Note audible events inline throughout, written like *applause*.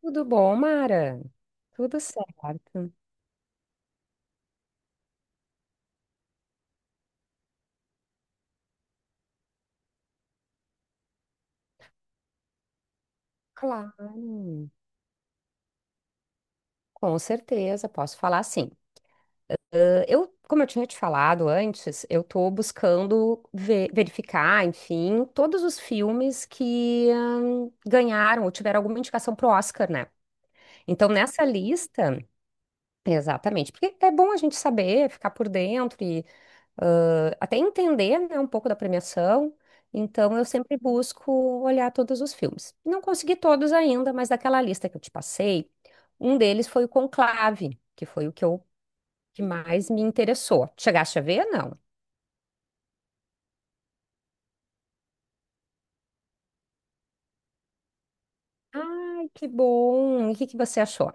Tudo bom, Mara? Tudo certo. Claro, com certeza, posso falar sim. Ah, como eu tinha te falado antes, eu estou buscando verificar, enfim, todos os filmes que ganharam ou tiveram alguma indicação pro Oscar, né? Então, nessa lista, exatamente, porque é bom a gente saber, ficar por dentro e até entender, né, um pouco da premiação. Então, eu sempre busco olhar todos os filmes. Não consegui todos ainda, mas daquela lista que eu te passei, um deles foi o Conclave, que foi o que eu, que mais me interessou. Chegaste a ver? Não. Ai, que bom! E o que que você achou?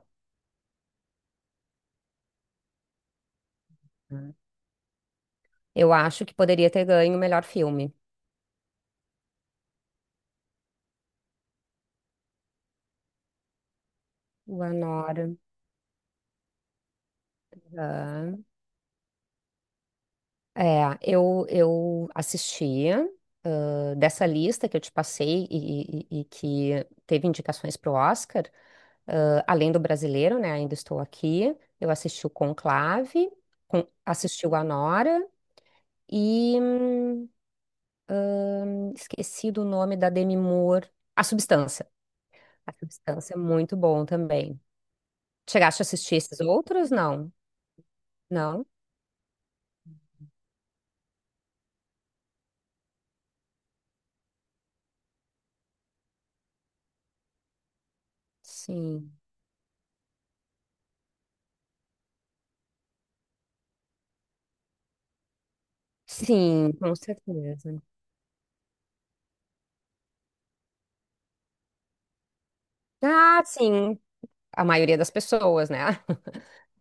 Eu acho que poderia ter ganho o melhor filme. O Anora. Eu assisti, ah, dessa lista que eu te passei e que teve indicações para o Oscar, ah, além do brasileiro, né? Ainda estou aqui. Eu assisti o Conclave, assisti o Anora e esqueci do nome da Demi Moore. A Substância. A Substância é muito bom também. Chegaste a assistir esses outros? Não. Não? Sim. Sim, com certeza. Ah, sim. A maioria das pessoas, né?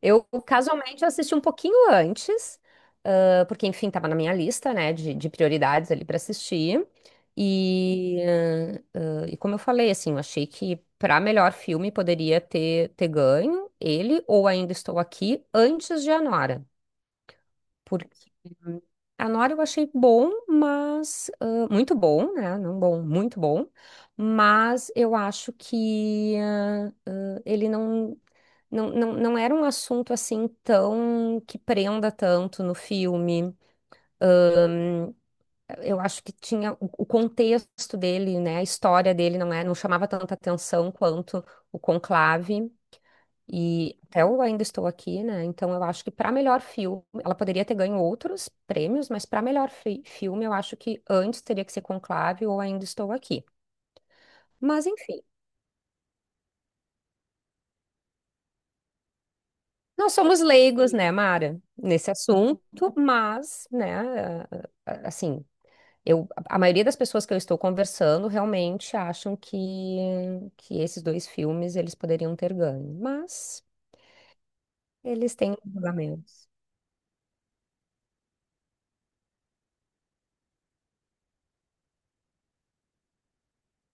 Eu casualmente assisti um pouquinho antes, ah, porque enfim, estava na minha lista, né, de prioridades ali para assistir. E, e como eu falei, assim, eu achei que para melhor filme poderia ter ganho ele ou Ainda Estou Aqui antes de Anora, porque Anora eu achei bom, mas muito bom, né? Não bom, muito bom, mas eu acho que ele não. Não, não era um assunto assim tão que prenda tanto no filme. Eu acho que tinha o contexto dele, né? A história dele não é, não chamava tanta atenção quanto o Conclave. E até eu ainda estou aqui, né? Então eu acho que para melhor filme, ela poderia ter ganho outros prêmios, mas para melhor filme, eu acho que antes teria que ser Conclave ou Ainda Estou Aqui. Mas enfim, nós somos leigos, né, Mara, nesse assunto, mas, né, assim. Eu, a maioria das pessoas que eu estou conversando realmente acham que esses dois filmes eles poderiam ter ganho, mas eles têm julgamentos.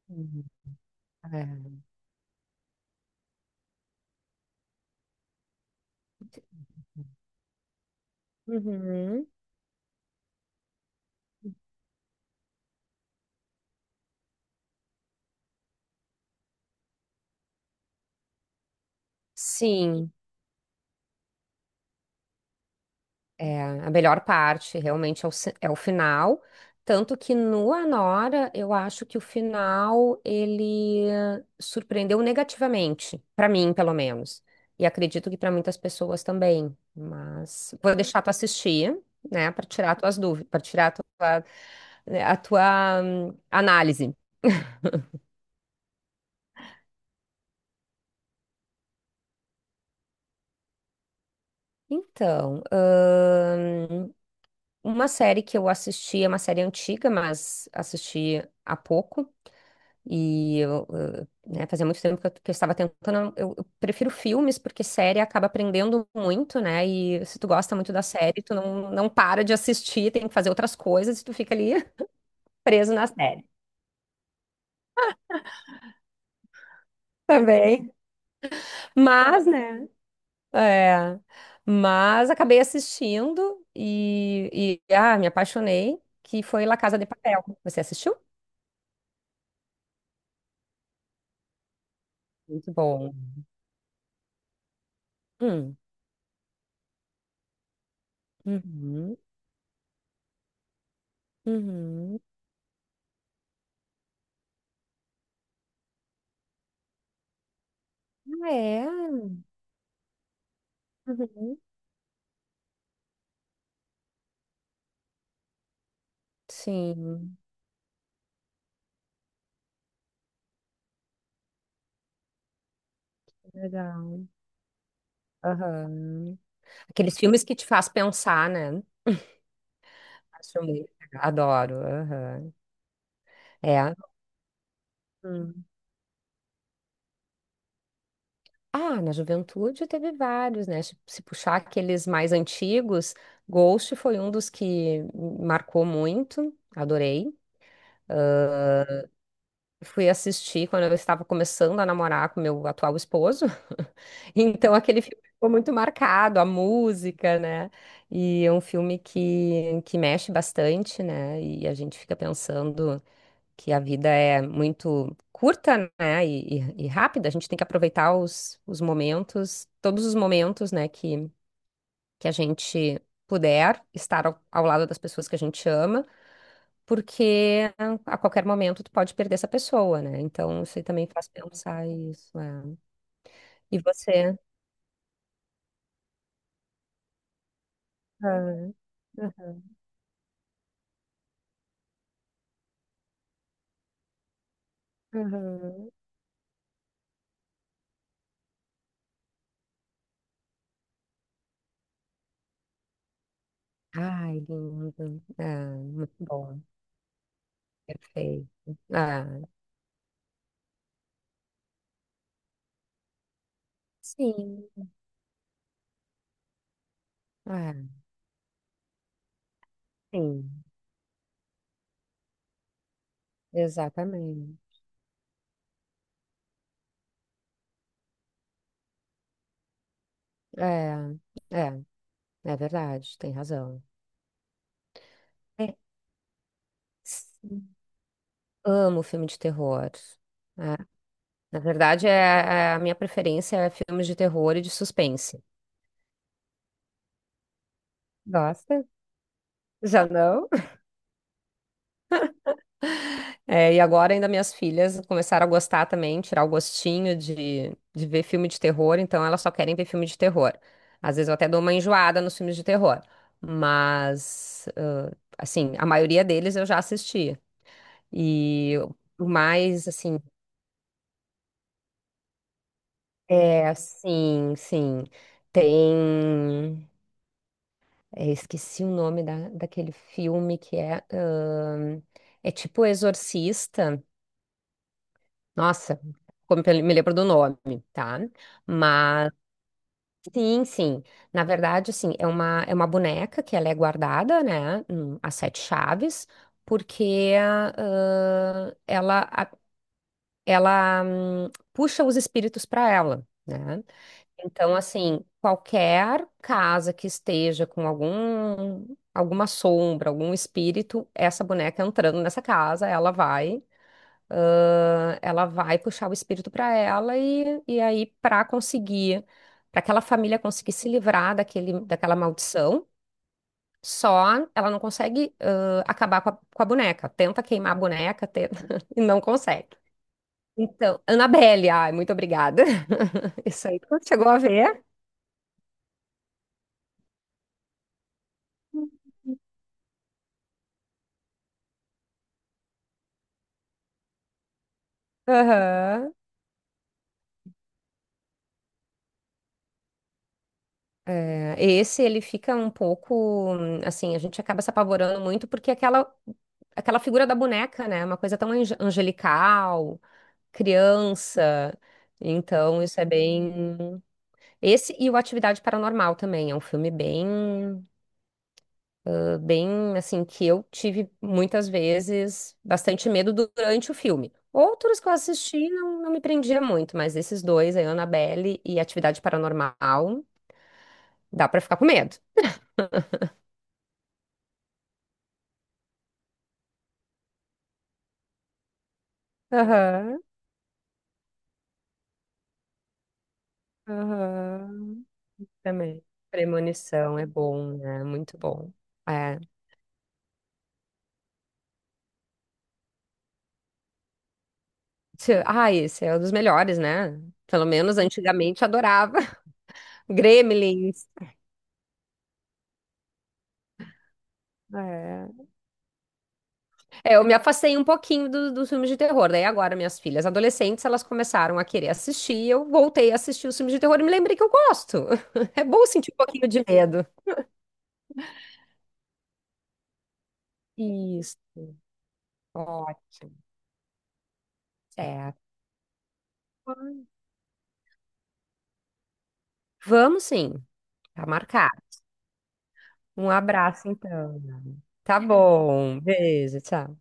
Hum, é. Uhum. Sim, é, a melhor parte realmente é é o final. Tanto que no Anora, eu acho que o final ele surpreendeu negativamente, para mim, pelo menos. E acredito que para muitas pessoas também. Mas vou deixar tu assistir, né, para tirar tuas dúvidas, para tirar a tua, né, a tua análise. Então, uma série que eu assisti, é uma série antiga, mas assisti há pouco. E né, fazia muito tempo que que eu estava tentando. Eu prefiro filmes, porque série acaba aprendendo muito, né? E se tu gosta muito da série, tu não para de assistir, tem que fazer outras coisas e tu fica ali *laughs* preso na série também. Mas, né? É. Mas acabei assistindo e me apaixonei, que foi La Casa de Papel. Você assistiu? Muito bom. Hum. Uhum. Uhum. Ah, é? Uhum. Sim, legal. Aham. Aqueles filmes que te faz pensar, né? Acho muito legal. Adoro. Aham. É. Hum. Ah, na juventude teve vários, né? Se se puxar aqueles mais antigos, Ghost foi um dos que me marcou muito. Adorei. Fui assistir quando eu estava começando a namorar com meu atual esposo. *laughs* Então aquele filme ficou muito marcado, a música, né? E é um filme que mexe bastante, né? E a gente fica pensando que a vida é muito curta, né, e rápida. A gente tem que aproveitar os momentos, todos os momentos, né, que a gente puder estar ao lado das pessoas que a gente ama, porque a qualquer momento tu pode perder essa pessoa, né? Então, isso aí também faz pensar isso. É. E você? Ah, uhum. Ai, lindo. Ah, muito bom. Perfeito. Ah, sim. Ah, sim. Exatamente. É, é, é verdade, tem razão. É, sim. Amo filme de terror. É, na verdade, a minha preferência é filmes de terror e de suspense. Gosta? Já não? *laughs* É, e agora ainda minhas filhas começaram a gostar também, tirar o gostinho de ver filme de terror, então elas só querem ver filme de terror. Às vezes eu até dou uma enjoada nos filmes de terror, mas, assim, a maioria deles eu já assisti. E o mais, assim, é, sim, sim. Tem. É, esqueci o nome daquele filme que é é tipo Exorcista. Nossa, como me lembro do nome, tá? Mas. Sim, sim. Na verdade, assim, é uma boneca que ela é guardada, né? As sete chaves, porque ela puxa os espíritos para ela, né? Então, assim, qualquer casa que esteja com algum, alguma sombra, algum espírito, essa boneca entrando nessa casa, ela vai puxar o espírito para ela e aí para conseguir, para aquela família conseguir se livrar daquele, daquela maldição, só ela não consegue, acabar com a boneca. Tenta queimar a boneca, tenta, *laughs* e não consegue. Então, Annabelle, ai, muito obrigada. *laughs* Isso aí, tu chegou a ver? Aham. É, esse ele fica um pouco assim, a gente acaba se apavorando muito porque aquela figura da boneca, né, é uma coisa tão angelical, criança. Então, isso é bem esse e o Atividade Paranormal também é um filme bem bem assim que eu tive muitas vezes bastante medo durante o filme. Outros que eu assisti não, não me prendia muito, mas esses dois, aí, Annabelle e Atividade Paranormal, dá pra ficar com medo. Aham. Aham, também. Premonição é bom, né? Muito bom. É. Tchê, ah, esse é um dos melhores, né? Pelo menos antigamente adorava. *laughs* Gremlins. É. É, eu me afastei um pouquinho dos filmes de terror. Daí agora minhas filhas adolescentes, elas começaram a querer assistir. Eu voltei a assistir os filmes de terror e me lembrei que eu gosto. *laughs* É bom sentir um pouquinho de medo. Isso. Ótimo. Certo. Vamos sim. Tá marcado. Um abraço, então. Tá bom. Beijo, tchau.